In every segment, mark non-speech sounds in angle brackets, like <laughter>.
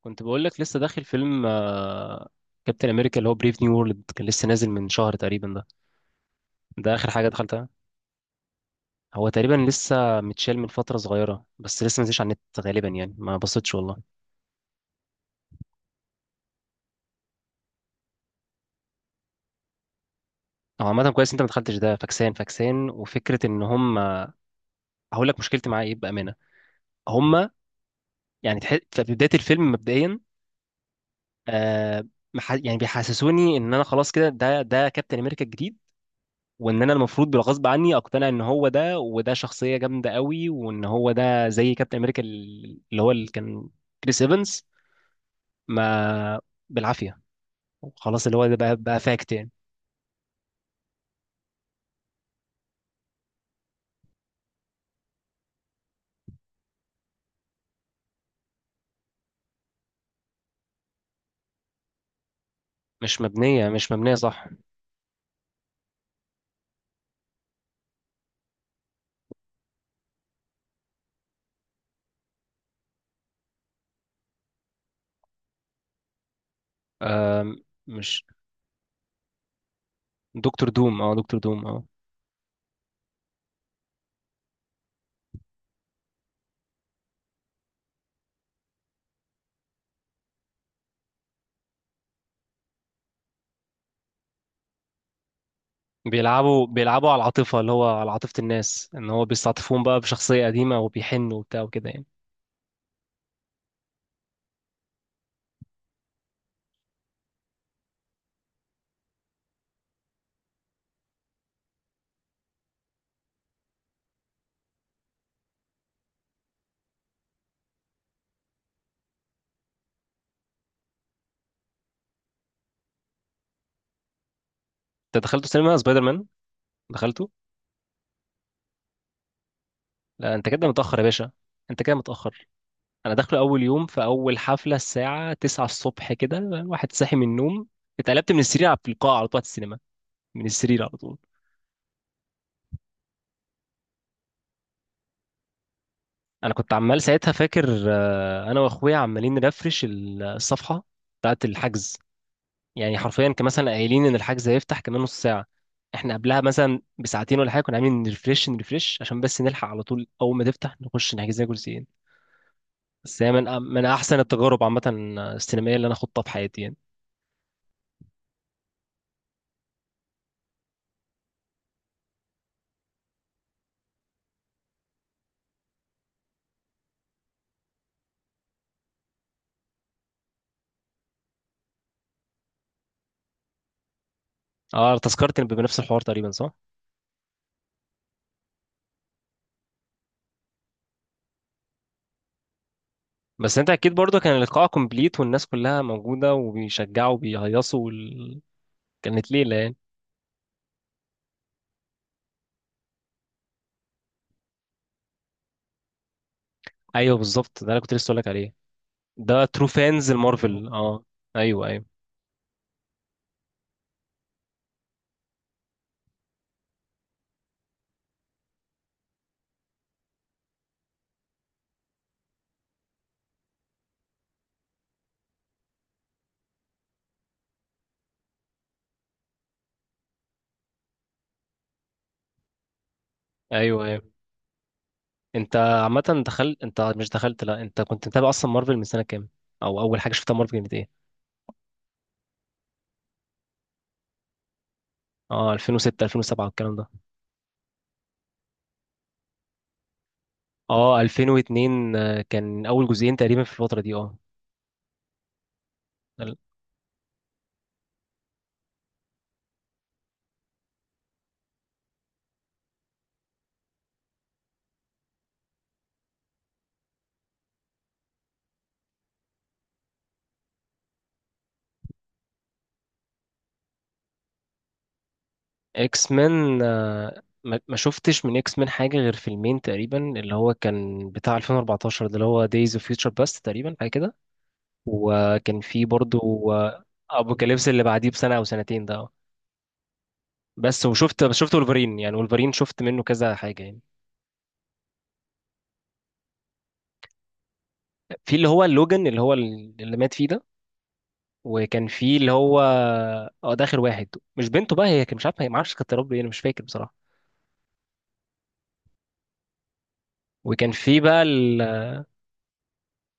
كنت بقول لك لسه داخل فيلم كابتن امريكا اللي هو بريف نيو وورلد، كان لسه نازل من شهر تقريبا. ده ده اخر حاجه دخلتها. هو تقريبا لسه متشال من فتره صغيره، بس لسه ما نزلش على النت. غالبا ما بصيتش والله. هو عامه كويس انت ما دخلتش ده، فاكسان، فاكسان، وفكره ان هم، هقول لك مشكلتي معاه ايه بامانه. هم في بدايه الفيلم مبدئيا، آه بيحسسوني ان انا خلاص كده ده كابتن امريكا الجديد، وان انا المفروض بالغصب عني اقتنع ان هو ده، وده شخصيه جامده قوي، وان هو ده زي كابتن امريكا اللي هو اللي كان كريس ايفنز. ما بالعافيه، خلاص اللي هو ده بقى فاكت. مش مبنيه، مش مبنيه صح. آم، مش، دكتور دوم، دكتور دوم اه. بيلعبوا، بيلعبوا على العاطفه، اللي هو على عاطفه الناس، ان هو بيستعطفون بقى بشخصيه قديمه وبيحنوا وبتاع وكده يعني. انت دخلته سينما سبايدر مان؟ دخلته. لا انت كده متاخر يا باشا. انت كده متاخر. انا داخله اول يوم في اول حفله الساعه 9 الصبح، كده واحد صاحي من النوم. اتقلبت من السرير في القاعه على طول على السينما، من السرير على طول. انا كنت عمال ساعتها فاكر، انا واخويا عمالين نرفرش الصفحه بتاعت الحجز. يعني حرفيا كان مثلا قايلين ان الحجز هيفتح كمان نص ساعه، احنا قبلها مثلا بساعتين ولا حاجه كنا عاملين نرفرش، نرفرش عشان بس نلحق على طول اول ما تفتح نخش نحجز لنا كرسيين. بس هي من احسن التجارب عامه، السينمائيه اللي انا خضتها في حياتي يعني. اه، تذكرتني بنفس الحوار تقريبا، صح. بس انت اكيد برضه كان اللقاء كومبليت، والناس كلها موجوده وبيشجعوا وبيهيصوا كانت ليله يعني. ايوه بالظبط، ده انا كنت لسه اقول لك عليه، ده ترو فانز المارفل اه. ايوه ايوه. ايوه ايوه. انت عامه دخلت، انت مش دخلت، لا انت كنت متابع اصلا مارفل من سنه كام؟ او اول حاجه شفتها مارفل كانت ايه؟ اه 2006 2007 والكلام ده. اه 2002، كان اول جزئين تقريبا في الفتره دي اه. اكس مان ما شفتش من اكس مان حاجه غير فيلمين تقريبا، اللي هو كان بتاع 2014 ده، اللي هو دايز اوف فيوتشر باست تقريبا، حاجه كده. وكان في برضو ابوكاليبس اللي بعديه بسنه او سنتين ده آه. بس وشفت بس شفت ولفرين، يعني ولفرين شفت منه كذا حاجه يعني. في اللي هو لوجان، اللي هو اللي مات فيه ده، وكان في اللي هو، اه ده اخر واحد. مش بنته بقى هي، كان مش عارف هي، ما اعرفش كانت يا رب ايه، انا مش فاكر بصراحه. وكان في بقى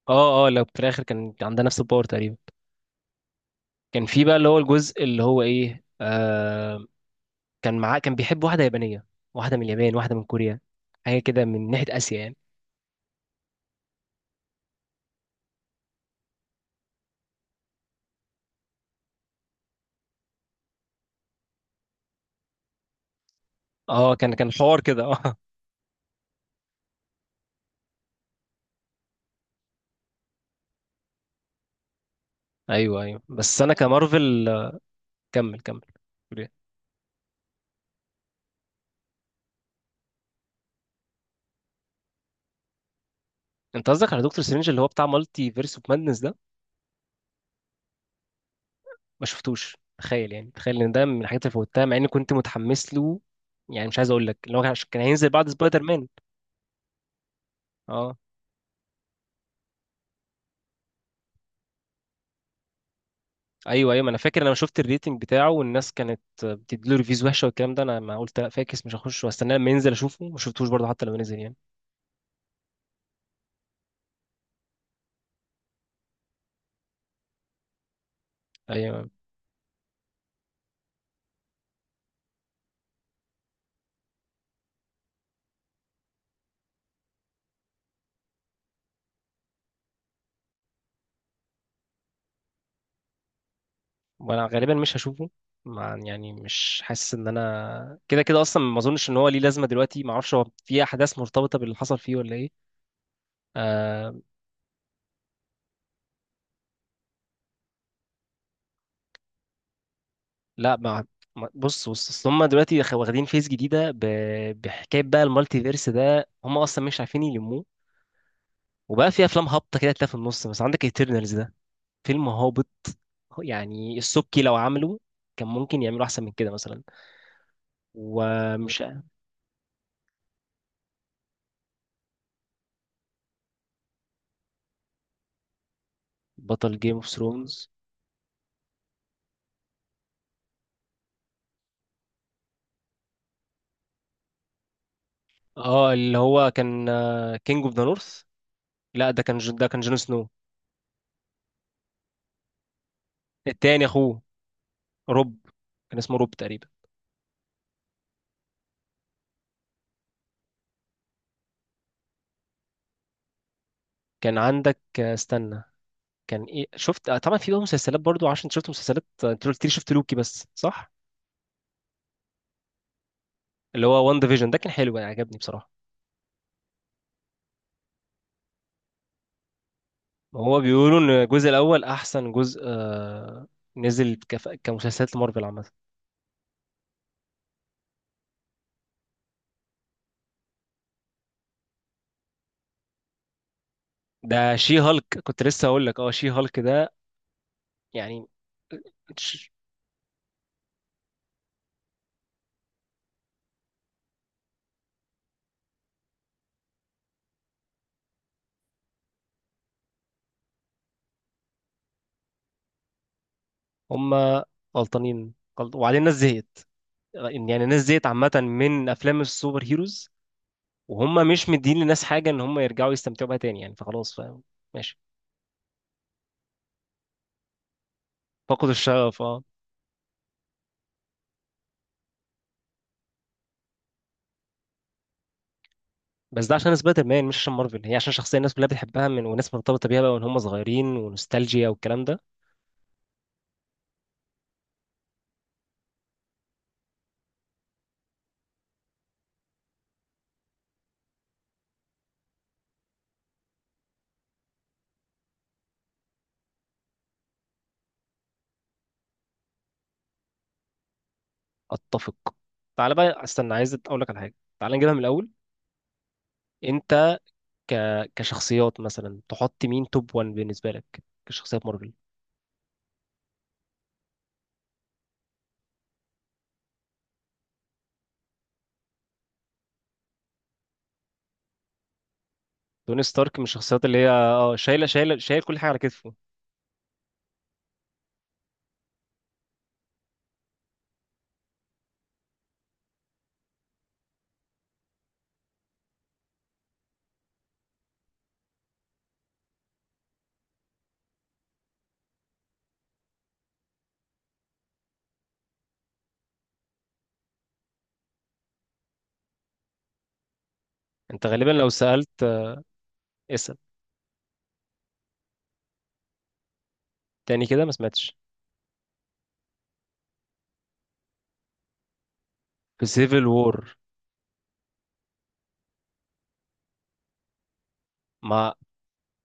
اه اه، لو في الاخر كان عندها نفس الباور تقريبا. كان في بقى اللي هو الجزء اللي هو ايه، آه، كان معاه، كان بيحب واحدة يابانية، واحدة من اليابان، واحدة من كوريا، حاجة كده من ناحية آسيا يعني. اه كان كان حوار كده <laughs> اه. ايوه ايوه، بس انا كمارفل آه، كمل كمل. قول إيه؟ انت قصدك على دكتور سترينج اللي هو بتاع مالتي فيرس اوف مادنس ده؟ ما شفتوش، تخيل يعني، تخيل ان ده من الحاجات اللي فوتها مع اني كنت متحمس له، يعني مش عايز اقول لك اللي هو كان، عشان كان هينزل بعد سبايدر مان. اه. ايوه ايوه، ما انا فاكر انا شفت الريتنج بتاعه والناس كانت بتديله ريفيوز وحشه والكلام ده، انا ما قلت لا فاكس مش هخش، واستناه لما ينزل اشوفه، ما شفتوش برضه حتى لما نزل يعني. ايوه. وانا غالبا مش هشوفه، مع يعني مش حاسس ان انا كده كده اصلا، ما اظنش ان هو ليه لازمه دلوقتي، ما اعرفش هو في احداث مرتبطه باللي حصل فيه ولا ايه. آه. لا ما ما-، بص، بص، اصل هم دلوقتي خ- واخدين فيس جديده ب...، بحكايه بقى المالتي فيرس ده، هم اصلا مش عارفين يلموه. وبقى في افلام هابطه كده تلاقيها في النص، بس عندك ايترنالز ده فيلم هابط، يعني السبكي لو عملوا كان ممكن يعملوا احسن من كده مثلا. ومش، بطل جيم اوف ثرونز، اه اللي هو كان كينج اوف ذا نورث، لا ده كان ده كان جون سنو. التاني اخوه روب، كان اسمه روب تقريبا. كان عندك آه، استنى، كان ايه شفت، آه، طبعا في بقى مسلسلات برضو، عشان شفت مسلسلات، آه، انت قلت لي شفت لوكي بس، صح؟ اللي هو وان ديفيجن ده كان حلو، يعني عجبني بصراحة. هو بيقولوا ان الجزء الاول احسن جزء آه، نزل كمسلسلات مارفل عامة. ده شي هالك كنت لسه هقول لك، اه شي هالك ده يعني. ش-، هما غلطانين غلط، وبعدين الناس زهقت، يعني الناس زهقت عامة من أفلام السوبر هيروز. وهم مش مدين للناس حاجة، إن هم يرجعوا يستمتعوا بيها تاني يعني، فخلاص فاهم، ماشي. فقدوا الشغف اه. بس ده عشان سبايدر مان مش عشان مارفل، هي عشان شخصية الناس كلها بتحبها، من وناس مرتبطة بيها بقى، وإن هم صغيرين، ونوستالجيا والكلام ده. أتفق. تعالى بقى استنى، عايز أقول لك على حاجة، تعالى نجيبها من الأول. أنت ك...، كشخصيات مثلا تحط مين توب 1 بالنسبة لك كشخصيات مارفل؟ توني ستارك من الشخصيات اللي هي اه شايلة، شايلة، شايل كل حاجة على كتفه. انت غالبا لو سألت آه، اسأل. تاني كده ما سمعتش. في سيفل وور، ما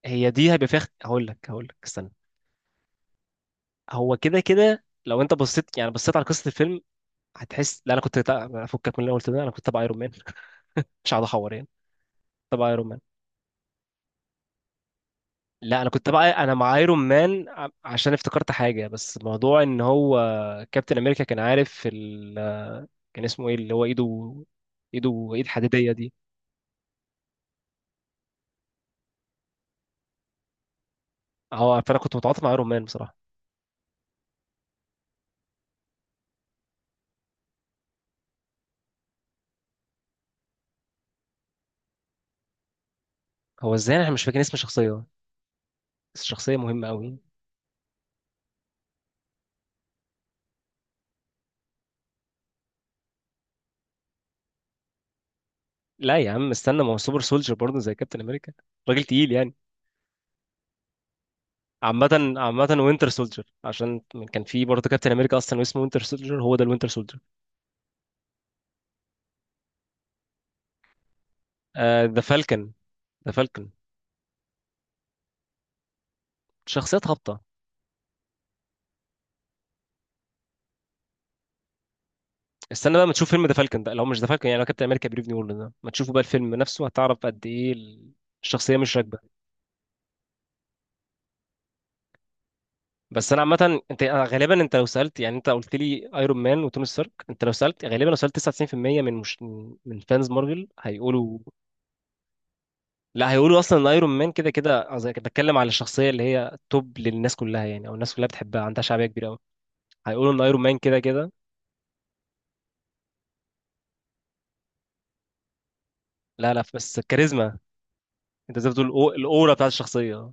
هي دي هيبقى فيها اخت-، هقول لك، هقول لك استنى، هو كده كده لو انت بصيت يعني بصيت على قصة الفيلم هتحس، لا انا كنت افكك من الاول كده، انا كنت تبع ايرون مان <laughs> مش هقعد احور يعني. تبع ايرون مان، لا انا كنت بقى انا مع ايرون مان، عشان افتكرت حاجه، بس موضوع ان هو، كابتن امريكا كان عارف كان اسمه ايه اللي هو ايده، ايد حديديه دي. اه، فانا كنت متعاطف مع ايرون مان بصراحه. هو ازاي انا مش فاكر اسم الشخصيه، بس الشخصيه مهمه قوي. لا يا عم استنى، ما هو سوبر سولجر برضه زي كابتن امريكا، راجل تقيل يعني. عامة، عامة وينتر سولجر، عشان كان في برضه كابتن امريكا اصلا واسمه وينتر سولجر، هو ده الوينتر سولجر. ذا فالكن، ذا فالكن. شخصيات هابطة. استنى بقى ما تشوف فيلم ذا فالكون ده، لو مش ذا فالكون يعني، لو كابتن امريكا بريف نيو وورلد ده ما تشوفه بقى الفيلم نفسه، هتعرف قد ايه الشخصيه مش راكبه. بس انا عامه انت، أنا غالبا، انت لو سالت يعني، انت قلت لي ايرون مان وتوني ستارك، انت لو سالت غالبا، لو سالت 99% من، مش، من فانز مارفل هيقولوا، لا، هيقولوا اصلا ان ايرون مان كده كده، قصدي بتكلم على الشخصيه اللي هي توب للناس كلها يعني، او الناس كلها بتحبها، عندها شعبيه كبيره قوي، هيقولوا ان ايرون مان كده كده. لا، بس الكاريزما، انت زي ما بتقول، الاورا بتاعت الشخصيه.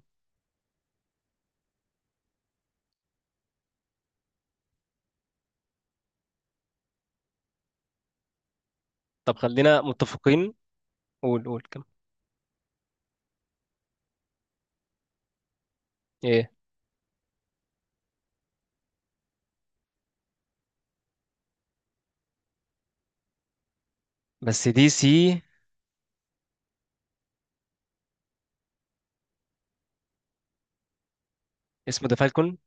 طب خلينا متفقين. قول قول. كم؟ بس دي سي، اسمه ذا فالكون.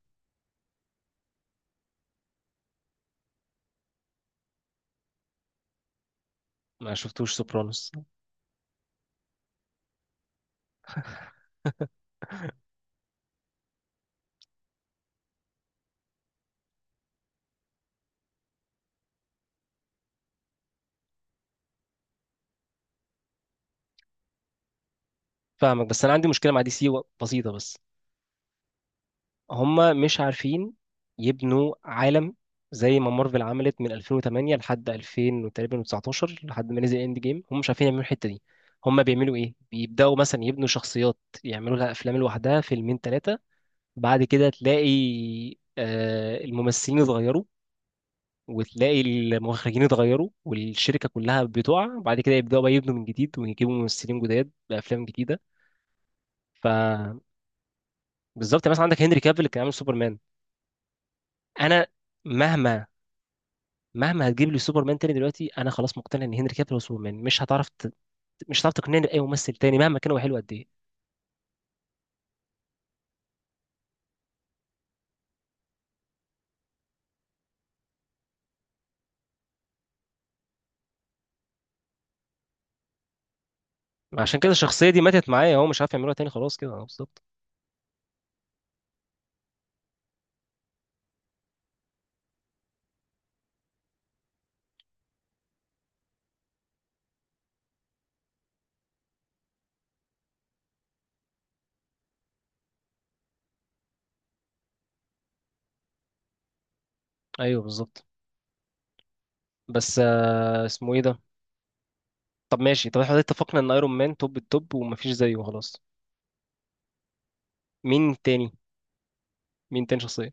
ما شفتوش سوبرانوس. فاهمك، بس انا عندي مشكله مع دي سي بسيطه بس. هما مش عارفين يبنوا عالم زي ما مارفل عملت من 2008 لحد 2000 وتقريبا 19، لحد ما نزل اند جيم، هم مش عارفين يعملوا الحته دي. هما بيعملوا ايه، بيبداوا مثلا يبنوا شخصيات، يعملوا لها افلام لوحدها فيلمين ثلاثه، بعد كده تلاقي آه، الممثلين اتغيروا، وتلاقي المخرجين اتغيروا، والشركة كلها بتقع، بعد كده يبدأوا بقى يبنوا من جديد، ويجيبوا ممثلين جداد بأفلام جديدة. فبالظبط، مثلا عندك هنري كافيل اللي كان عامل سوبرمان. أنا مهما، مهما هتجيب لي سوبرمان تاني دلوقتي، أنا خلاص مقتنع إن هنري كافيل هو سوبرمان، مش هتعرف ت...، مش هتعرف تقنعني بأي ممثل تاني مهما كان هو حلو قد إيه. عشان كده الشخصية دي ماتت معايا، هو مش عارف يعملوها تاني خلاص كده آه، بالظبط. أيوه بالظبط. بس آه، اسمه إيه ده؟ طب ماشي، طب احنا اتفقنا إن أيرون مان توب التوب ومفيش زيه خلاص. مين تاني؟ مين تاني شخصية؟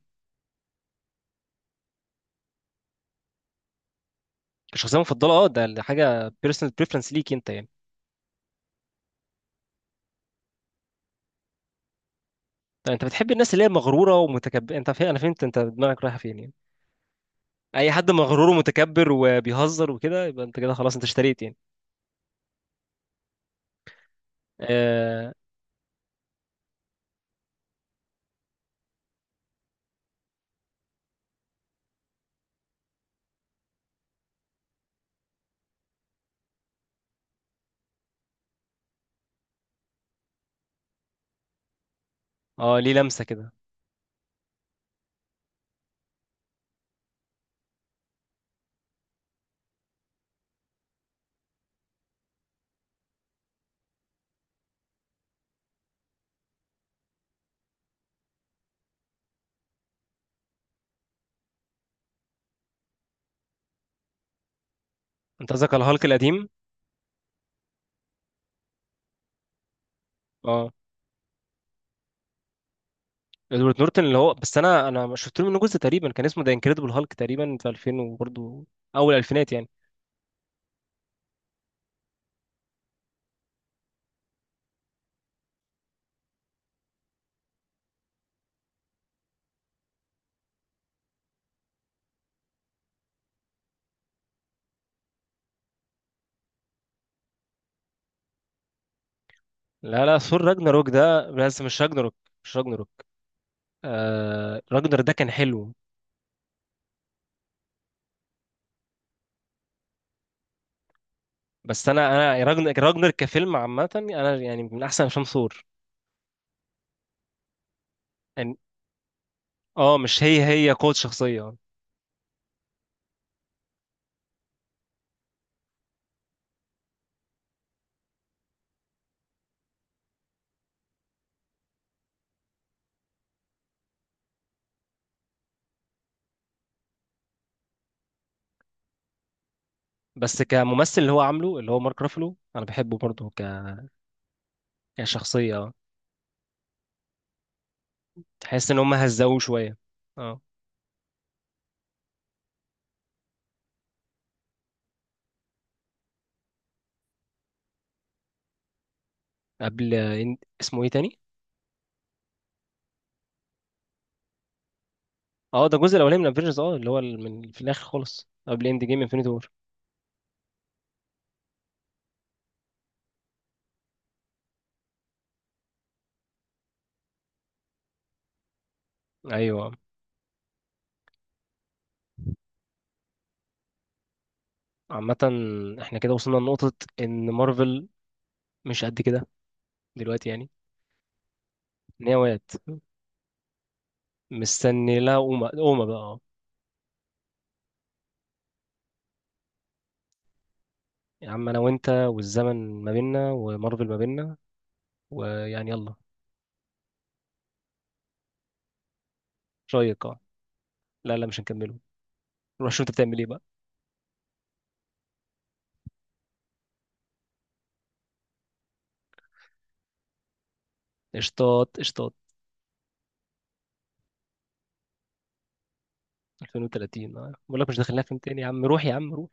شخصيه مفضله اه، ده ده حاجه بيرسونال بريفرنس ليك انت يعني. طيب انت بتحب الناس اللي هي مغروره ومتكبر، انت فاهم، انا فهمت انت دماغك رايحه فين يعني، اي حد مغرور ومتكبر وبيهزر وكده يبقى انت كده خلاص انت اشتريت يعني. اه، آه ليه لمسه كده. انت قصدك على الهالك القديم؟ اه، ادوارد نورتن اللي هو، بس انا شفت له منه جزء تقريبا، كان اسمه ذا انكريدبل هالك تقريبا في 2000 وبرضه، اول الفينات يعني. لا لا، ثور راجناروك ده بس، مش راجناروك، مش راجناروك، آه راجنر ده كان حلو. بس انا، راجنر، راجنر كفيلم عامه، انا يعني من احسن افلام ثور يعني. اه مش هي، هي قوة شخصية آه. بس كممثل اللي هو عامله، اللي هو مارك رافلو، انا بحبه برضه ك...، كشخصية اه. تحس ان هم هزقوه شوية اه. قبل إن...، اسمه ايه تاني؟ اه ده الجزء الاولاني من افنجرز اه، اللي هو من في الاخر خالص قبل اند جيم، انفينيتي وور. ايوه آه. عامة، احنا كده وصلنا لنقطة ان مارفل مش قد كده دلوقتي يعني. ان هي وقعت. مستني لها قومة، قومة بقى آه. يا عم انا وانت والزمن ما بيننا، ومارفل ما بيننا ويعني، يلا. رايك اه. لا لا مش هنكمله، روح شوف انت بتعمل ايه بقى. اشطاط اشطاط. 2030 اه، بقول لك مش داخلنا فيلم تاني يا عم، روح يا عم، روح.